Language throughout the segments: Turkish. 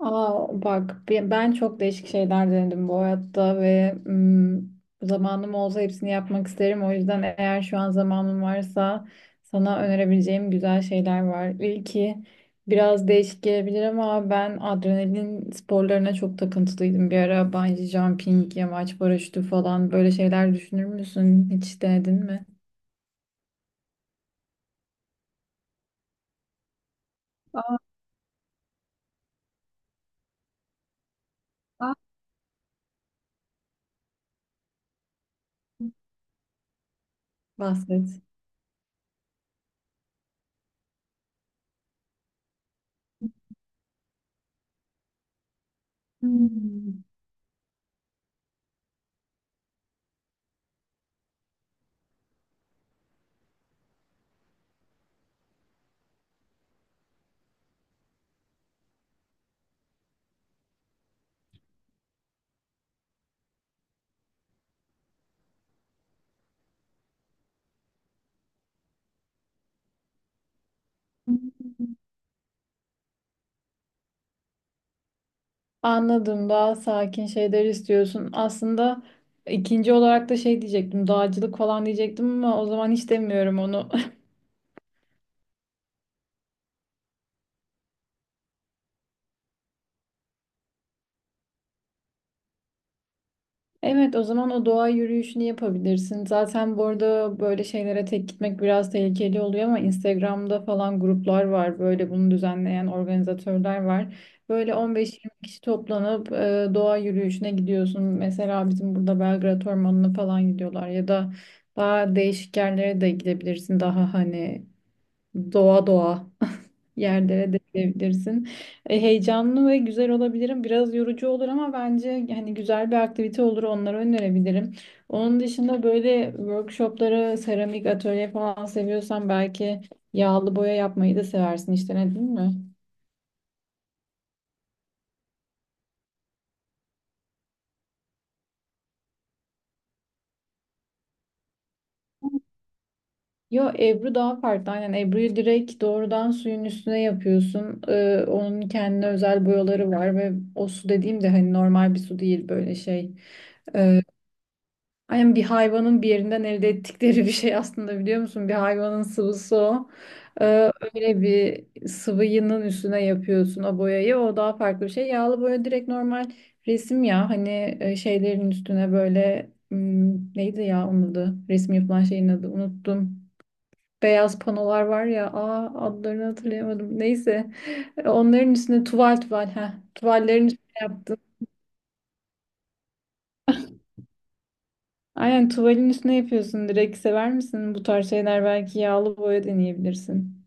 Aa, bak ben çok değişik şeyler denedim bu hayatta ve zamanım olsa hepsini yapmak isterim. O yüzden eğer şu an zamanım varsa sana önerebileceğim güzel şeyler var. İlki biraz değişik gelebilir ama ben adrenalin sporlarına çok takıntılıydım bir ara. Bungee jumping, yamaç paraşütü falan böyle şeyler düşünür müsün? Hiç denedin mi? Aa, bahset. Hmm. Anladım. Daha sakin şeyler istiyorsun. Aslında ikinci olarak da şey diyecektim. Dağcılık falan diyecektim ama o zaman hiç demiyorum onu. Evet, o zaman o doğa yürüyüşünü yapabilirsin. Zaten bu arada böyle şeylere tek gitmek biraz tehlikeli oluyor ama Instagram'da falan gruplar var. Böyle bunu düzenleyen organizatörler var. Böyle 15-20 kişi toplanıp doğa yürüyüşüne gidiyorsun. Mesela bizim burada Belgrad Ormanı'na falan gidiyorlar ya da daha değişik yerlere de gidebilirsin. Daha hani doğa doğa yerlere dökülebilirsin. E, heyecanlı ve güzel olabilirim. Biraz yorucu olur ama bence hani güzel bir aktivite olur. Onları önerebilirim. Onun dışında böyle workshopları, seramik atölye falan seviyorsan belki yağlı boya yapmayı da seversin. İşte ne değil mi? Yo Ebru daha farklı. Aynen Ebru'yu direkt doğrudan suyun üstüne yapıyorsun. E, onun kendine özel boyaları var ve o su dediğim de hani normal bir su değil böyle şey. Aynen bir hayvanın bir yerinden elde ettikleri bir şey aslında biliyor musun? Bir hayvanın sıvısı o. Öyle bir sıvının üstüne yapıyorsun o boyayı. O daha farklı bir şey. Yağlı boya direkt normal resim ya. Hani şeylerin üstüne böyle neydi ya onun adı? Resim yapılan şeyin adı unuttum. Beyaz panolar var ya. Aa, adlarını hatırlayamadım. Neyse. Onların üstüne tuval tuval. Heh, tuvallerin üstüne yaptığın aynen tuvalin üstüne yapıyorsun. Direkt sever misin? Bu tarz şeyler belki yağlı boya deneyebilirsin.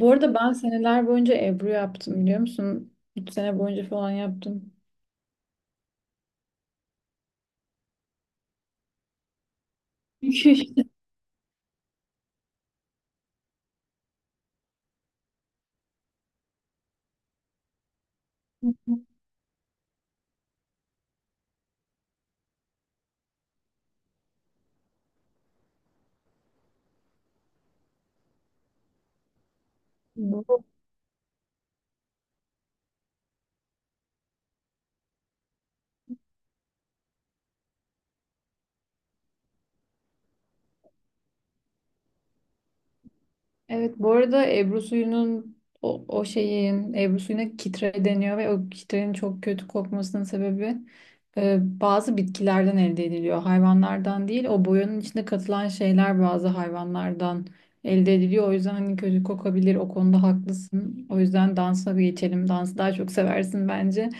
Bu arada ben seneler boyunca ebru yaptım biliyor musun? 3 sene boyunca falan yaptım. Bu Evet, bu arada Ebru suyunun o şeyin Ebru suyuna kitre deniyor ve o kitrenin çok kötü kokmasının sebebi bazı bitkilerden elde ediliyor. Hayvanlardan değil, o boyanın içinde katılan şeyler bazı hayvanlardan elde ediliyor. O yüzden hani kötü kokabilir, o konuda haklısın. O yüzden dansa bir geçelim. Dansı daha çok seversin bence.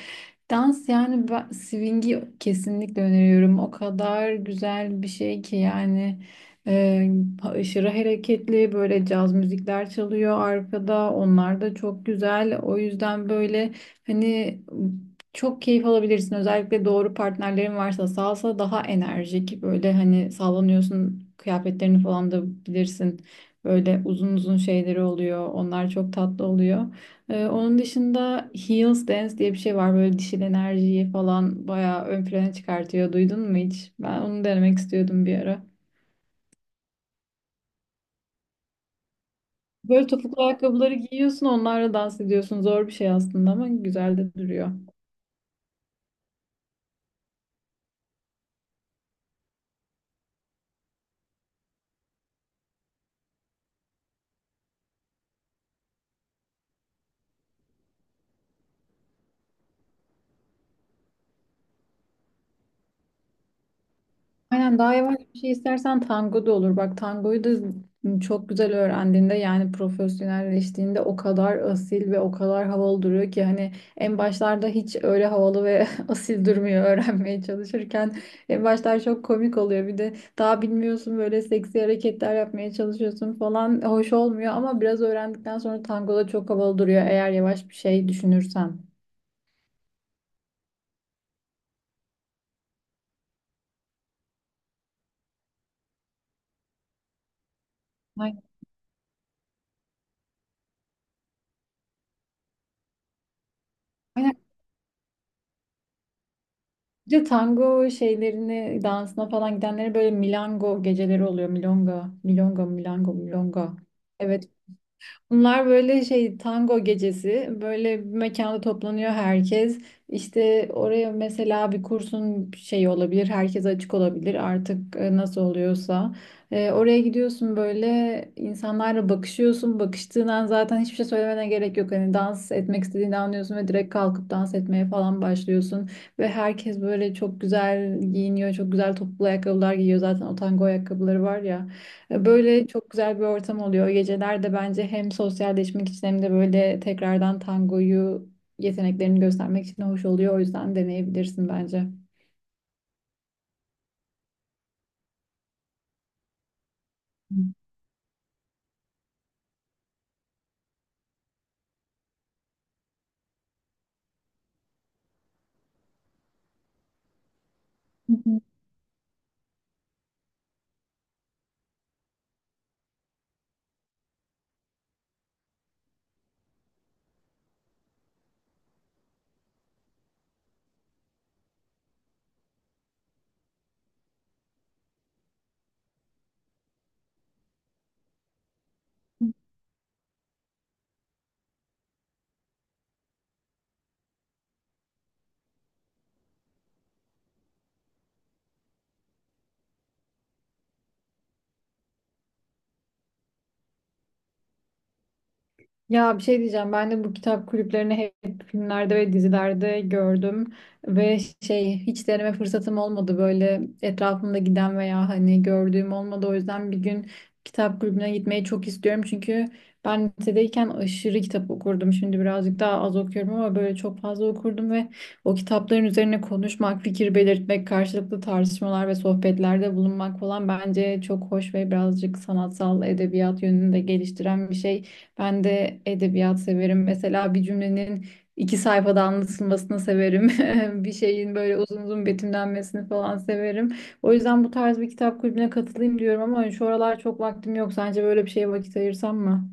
Dans yani ben, swing'i kesinlikle öneriyorum. O kadar güzel bir şey ki yani. Ee, aşırı hareketli böyle caz müzikler çalıyor arkada. Onlar da çok güzel. O yüzden böyle hani çok keyif alabilirsin. Özellikle doğru partnerlerin varsa salsa daha enerjik. Böyle hani sallanıyorsun, kıyafetlerini falan da bilirsin. Böyle uzun uzun şeyleri oluyor. Onlar çok tatlı oluyor. Onun dışında Heels Dance diye bir şey var. Böyle dişil enerjiyi falan bayağı ön plana çıkartıyor. Duydun mu hiç? Ben onu denemek istiyordum bir ara. Böyle topuklu ayakkabıları giyiyorsun, onlarla dans ediyorsun. Zor bir şey aslında ama güzel de duruyor. Aynen, daha yavaş bir şey istersen tango da olur. Bak tangoyu da çok güzel öğrendiğinde yani profesyonelleştiğinde o kadar asil ve o kadar havalı duruyor ki hani en başlarda hiç öyle havalı ve asil durmuyor öğrenmeye çalışırken. En başlar çok komik oluyor. Bir de daha bilmiyorsun, böyle seksi hareketler yapmaya çalışıyorsun falan, hoş olmuyor ama biraz öğrendikten sonra tango da çok havalı duruyor eğer yavaş bir şey düşünürsen. Aynen. Aynen. Bir de tango şeylerini dansına falan gidenlere böyle milango geceleri oluyor. Milonga, milonga, milango, milonga. Evet, bunlar böyle şey tango gecesi. Böyle bir mekanda toplanıyor herkes. İşte oraya mesela bir kursun şeyi olabilir. Herkes açık olabilir artık nasıl oluyorsa. E, oraya gidiyorsun böyle insanlarla bakışıyorsun. Bakıştığın an zaten hiçbir şey söylemene gerek yok. Hani dans etmek istediğini anlıyorsun ve direkt kalkıp dans etmeye falan başlıyorsun. Ve herkes böyle çok güzel giyiniyor. Çok güzel topuklu ayakkabılar giyiyor. Zaten o tango ayakkabıları var ya. Böyle çok güzel bir ortam oluyor. Geceler de bence hem sosyalleşmek için hem de böyle tekrardan tangoyu yeteneklerini göstermek için hoş oluyor. O yüzden deneyebilirsin bence. Hı, ya bir şey diyeceğim. Ben de bu kitap kulüplerini hep filmlerde ve dizilerde gördüm ve şey hiç deneme fırsatım olmadı. Böyle etrafımda giden veya hani gördüğüm olmadı. O yüzden bir gün kitap kulübüne gitmeyi çok istiyorum. Çünkü ben lisedeyken aşırı kitap okurdum. Şimdi birazcık daha az okuyorum ama böyle çok fazla okurdum ve o kitapların üzerine konuşmak, fikir belirtmek, karşılıklı tartışmalar ve sohbetlerde bulunmak falan bence çok hoş ve birazcık sanatsal edebiyat yönünü de geliştiren bir şey. Ben de edebiyat severim. Mesela bir cümlenin 2 sayfada anlatılmasını severim. Bir şeyin böyle uzun uzun betimlenmesini falan severim. O yüzden bu tarz bir kitap kulübüne katılayım diyorum ama şu aralar çok vaktim yok. Sence böyle bir şeye vakit ayırsam mı?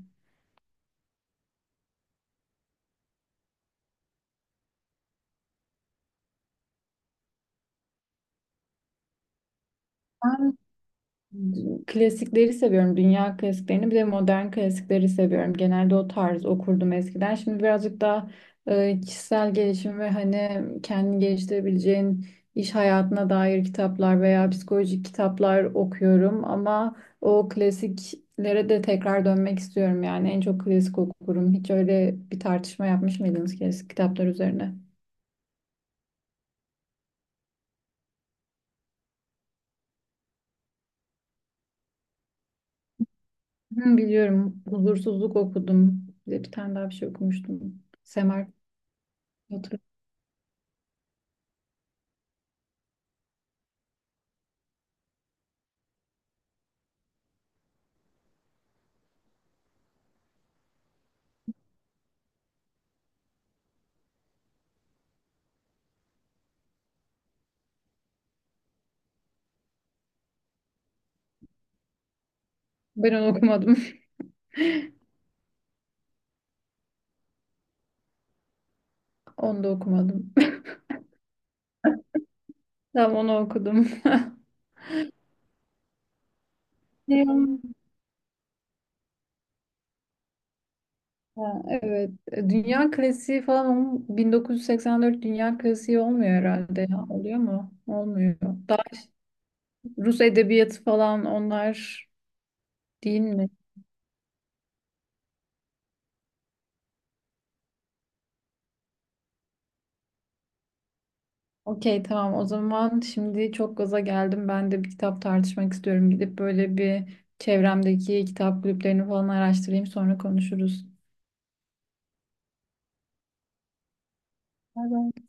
Klasikleri seviyorum. Dünya klasiklerini bir de modern klasikleri seviyorum. Genelde o tarz okurdum eskiden. Şimdi birazcık daha kişisel gelişim ve hani kendini geliştirebileceğin iş hayatına dair kitaplar veya psikolojik kitaplar okuyorum. Ama o klasiklere de tekrar dönmek istiyorum. Yani en çok klasik okurum. Hiç öyle bir tartışma yapmış mıydınız klasik kitaplar üzerine? Hı, biliyorum. Huzursuzluk okudum. Bir de bir tane daha bir şey okumuştum. Semer. Ben onu okumadım. Onu da okumadım. Tamam, onu okudum. Ne o? Ha, evet. E, dünya klasiği falan 1984 dünya klasiği olmuyor herhalde ya. Oluyor mu? Olmuyor. Daha Rus edebiyatı falan onlar, değil mi? Okey, tamam, o zaman şimdi çok gaza geldim. Ben de bir kitap tartışmak istiyorum. Gidip böyle bir çevremdeki kitap kulüplerini falan araştırayım, sonra konuşuruz. Bay bay.